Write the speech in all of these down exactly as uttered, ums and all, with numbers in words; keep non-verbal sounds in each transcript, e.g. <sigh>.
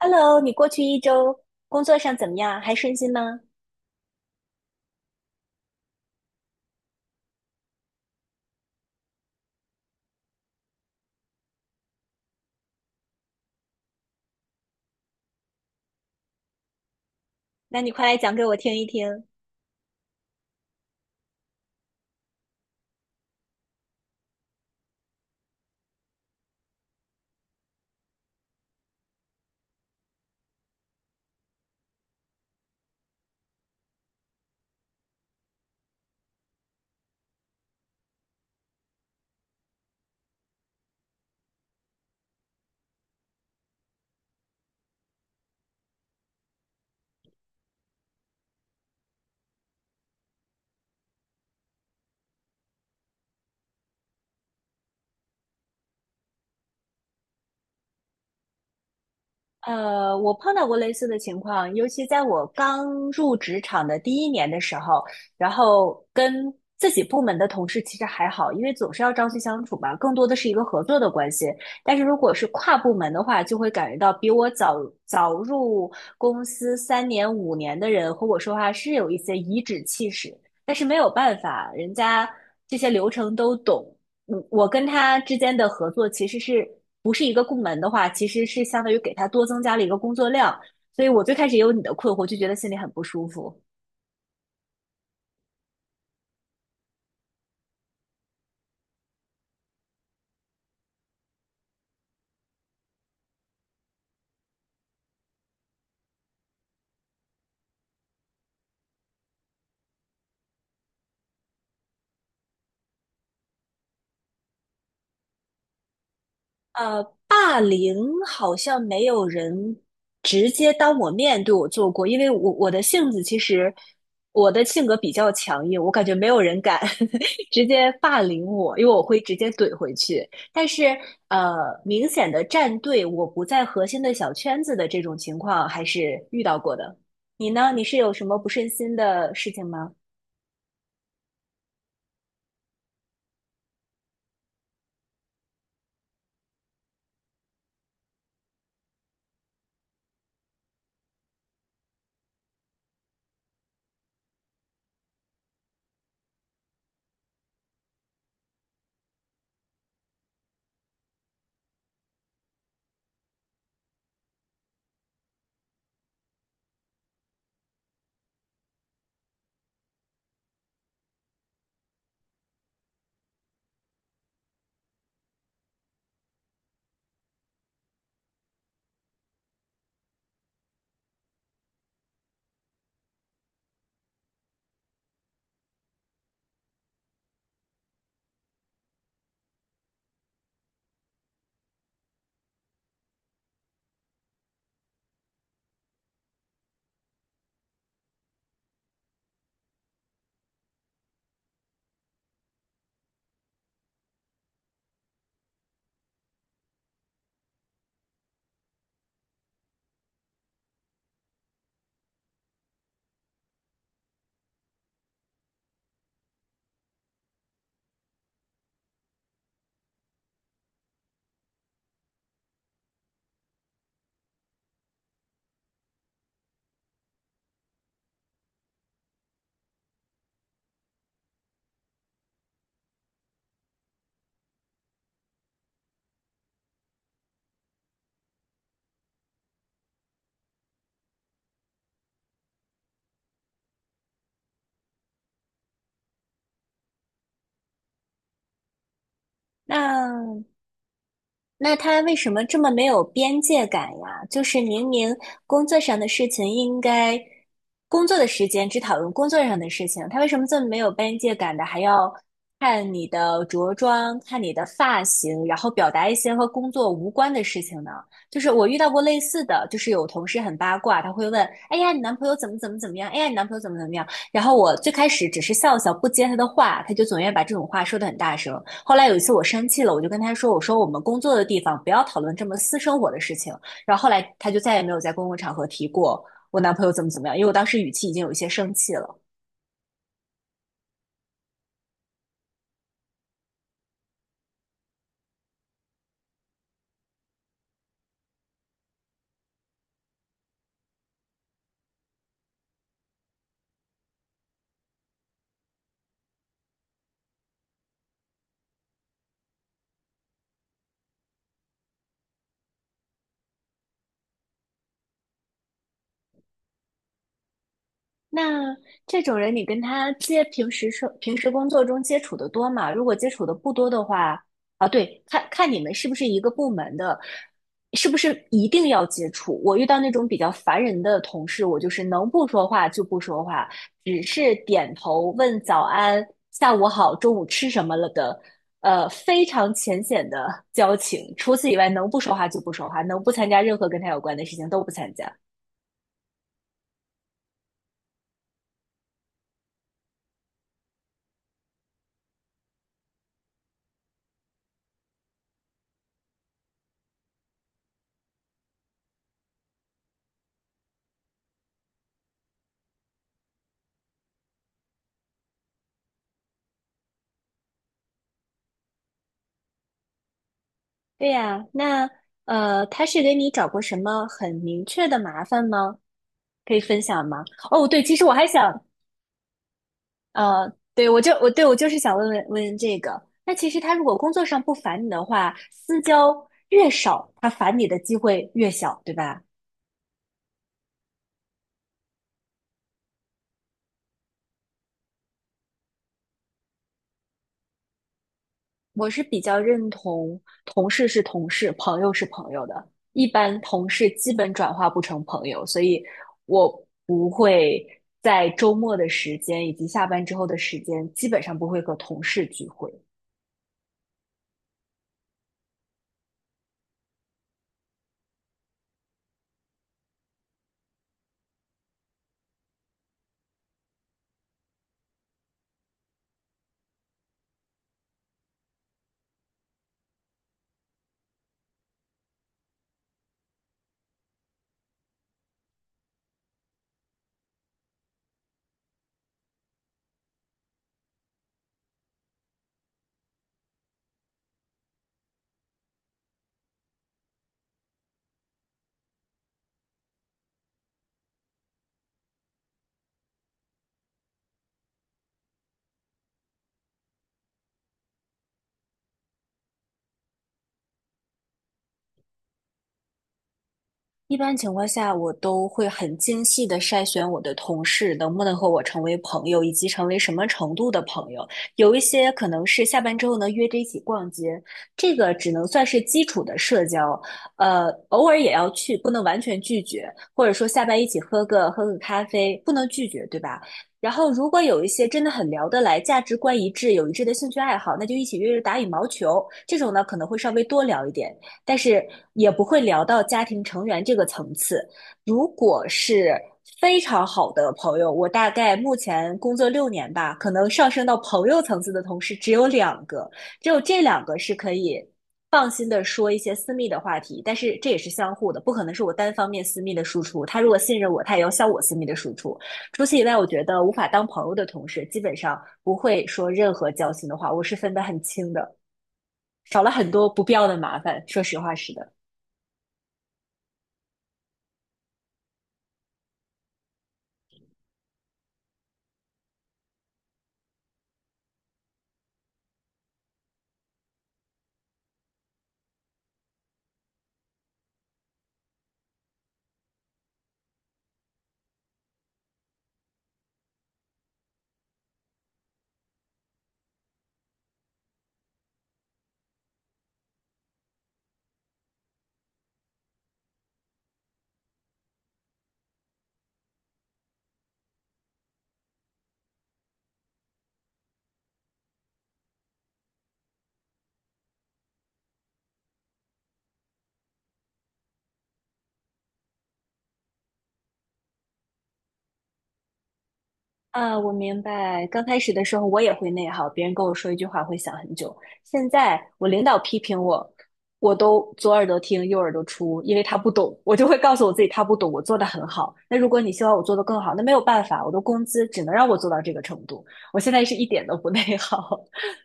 Hello，你过去一周工作上怎么样？还顺心吗？那你快来讲给我听一听。呃，我碰到过类似的情况，尤其在我刚入职场的第一年的时候，然后跟自己部门的同事其实还好，因为总是要朝夕相处嘛，更多的是一个合作的关系。但是如果是跨部门的话，就会感觉到比我早早入公司三年五年的人和我说话是有一些颐指气使，但是没有办法，人家这些流程都懂。嗯，我跟他之间的合作其实是不是一个部门的话，其实是相当于给他多增加了一个工作量，所以我最开始也有你的困惑，就觉得心里很不舒服。呃，霸凌好像没有人直接当我面对我做过，因为我我的性子其实我的性格比较强硬，我感觉没有人敢 <laughs> 直接霸凌我，因为我会直接怼回去。但是呃，明显的站队，我不在核心的小圈子的这种情况还是遇到过的。你呢？你是有什么不顺心的事情吗？那那他为什么这么没有边界感呀？就是明明工作上的事情应该工作的时间只讨论工作上的事情，他为什么这么没有边界感的，还要看你的着装、看你的发型，然后表达一些和工作无关的事情呢？就是我遇到过类似的，就是有同事很八卦，他会问：“哎呀，你男朋友怎么怎么怎么样？哎呀，你男朋友怎么怎么样？”然后我最开始只是笑笑，不接他的话，他就总愿意把这种话说得很大声。后来有一次我生气了，我就跟他说：“我说我们工作的地方不要讨论这么私生活的事情。”然后后来他就再也没有在公共场合提过我男朋友怎么怎么样，因为我当时语气已经有一些生气了。那这种人，你跟他接平时生平时工作中接触的多吗？如果接触的不多的话，啊，对，看看你们是不是一个部门的，是不是一定要接触？我遇到那种比较烦人的同事，我就是能不说话就不说话，只是点头问早安、下午好、中午吃什么了的，呃，非常浅显的交情。除此以外，能不说话就不说话，能不参加任何跟他有关的事情都不参加。对呀，那呃，他是给你找过什么很明确的麻烦吗？可以分享吗？哦，对，其实我还想，呃，对，我就我对我就是想问问问这个。那其实他如果工作上不烦你的话，私交越少，他烦你的机会越小，对吧？我是比较认同同事是同事，朋友是朋友的。一般同事基本转化不成朋友，所以我不会在周末的时间以及下班之后的时间，基本上不会和同事聚会。一般情况下，我都会很精细的筛选我的同事能不能和我成为朋友，以及成为什么程度的朋友。有一些可能是下班之后呢约着一起逛街，这个只能算是基础的社交，呃，偶尔也要去，不能完全拒绝，或者说下班一起喝个喝个咖啡，不能拒绝，对吧？然后，如果有一些真的很聊得来、价值观一致、有一致的兴趣爱好，那就一起约着打羽毛球。这种呢，可能会稍微多聊一点。但是也不会聊到家庭成员这个层次。如果是非常好的朋友，我大概目前工作六年吧，可能上升到朋友层次的同事只有两个，只有这两个是可以放心的说一些私密的话题，但是这也是相互的，不可能是我单方面私密的输出。他如果信任我，他也要向我私密的输出。除此以外，我觉得无法当朋友的同事，基本上不会说任何交心的话，我是分得很清的，少了很多不必要的麻烦。说实话是的。啊，我明白。刚开始的时候我也会内耗，别人跟我说一句话会想很久。现在我领导批评我，我都左耳朵听右耳朵出，因为他不懂，我就会告诉我自己他不懂，我做的很好。那如果你希望我做的更好，那没有办法，我的工资只能让我做到这个程度。我现在是一点都不内耗。<laughs>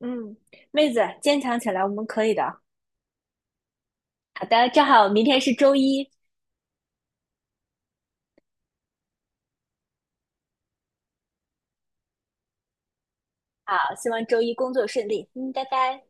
嗯，妹子，坚强起来，我们可以的。好的，正好明天是周一，好，希望周一工作顺利。嗯，拜拜。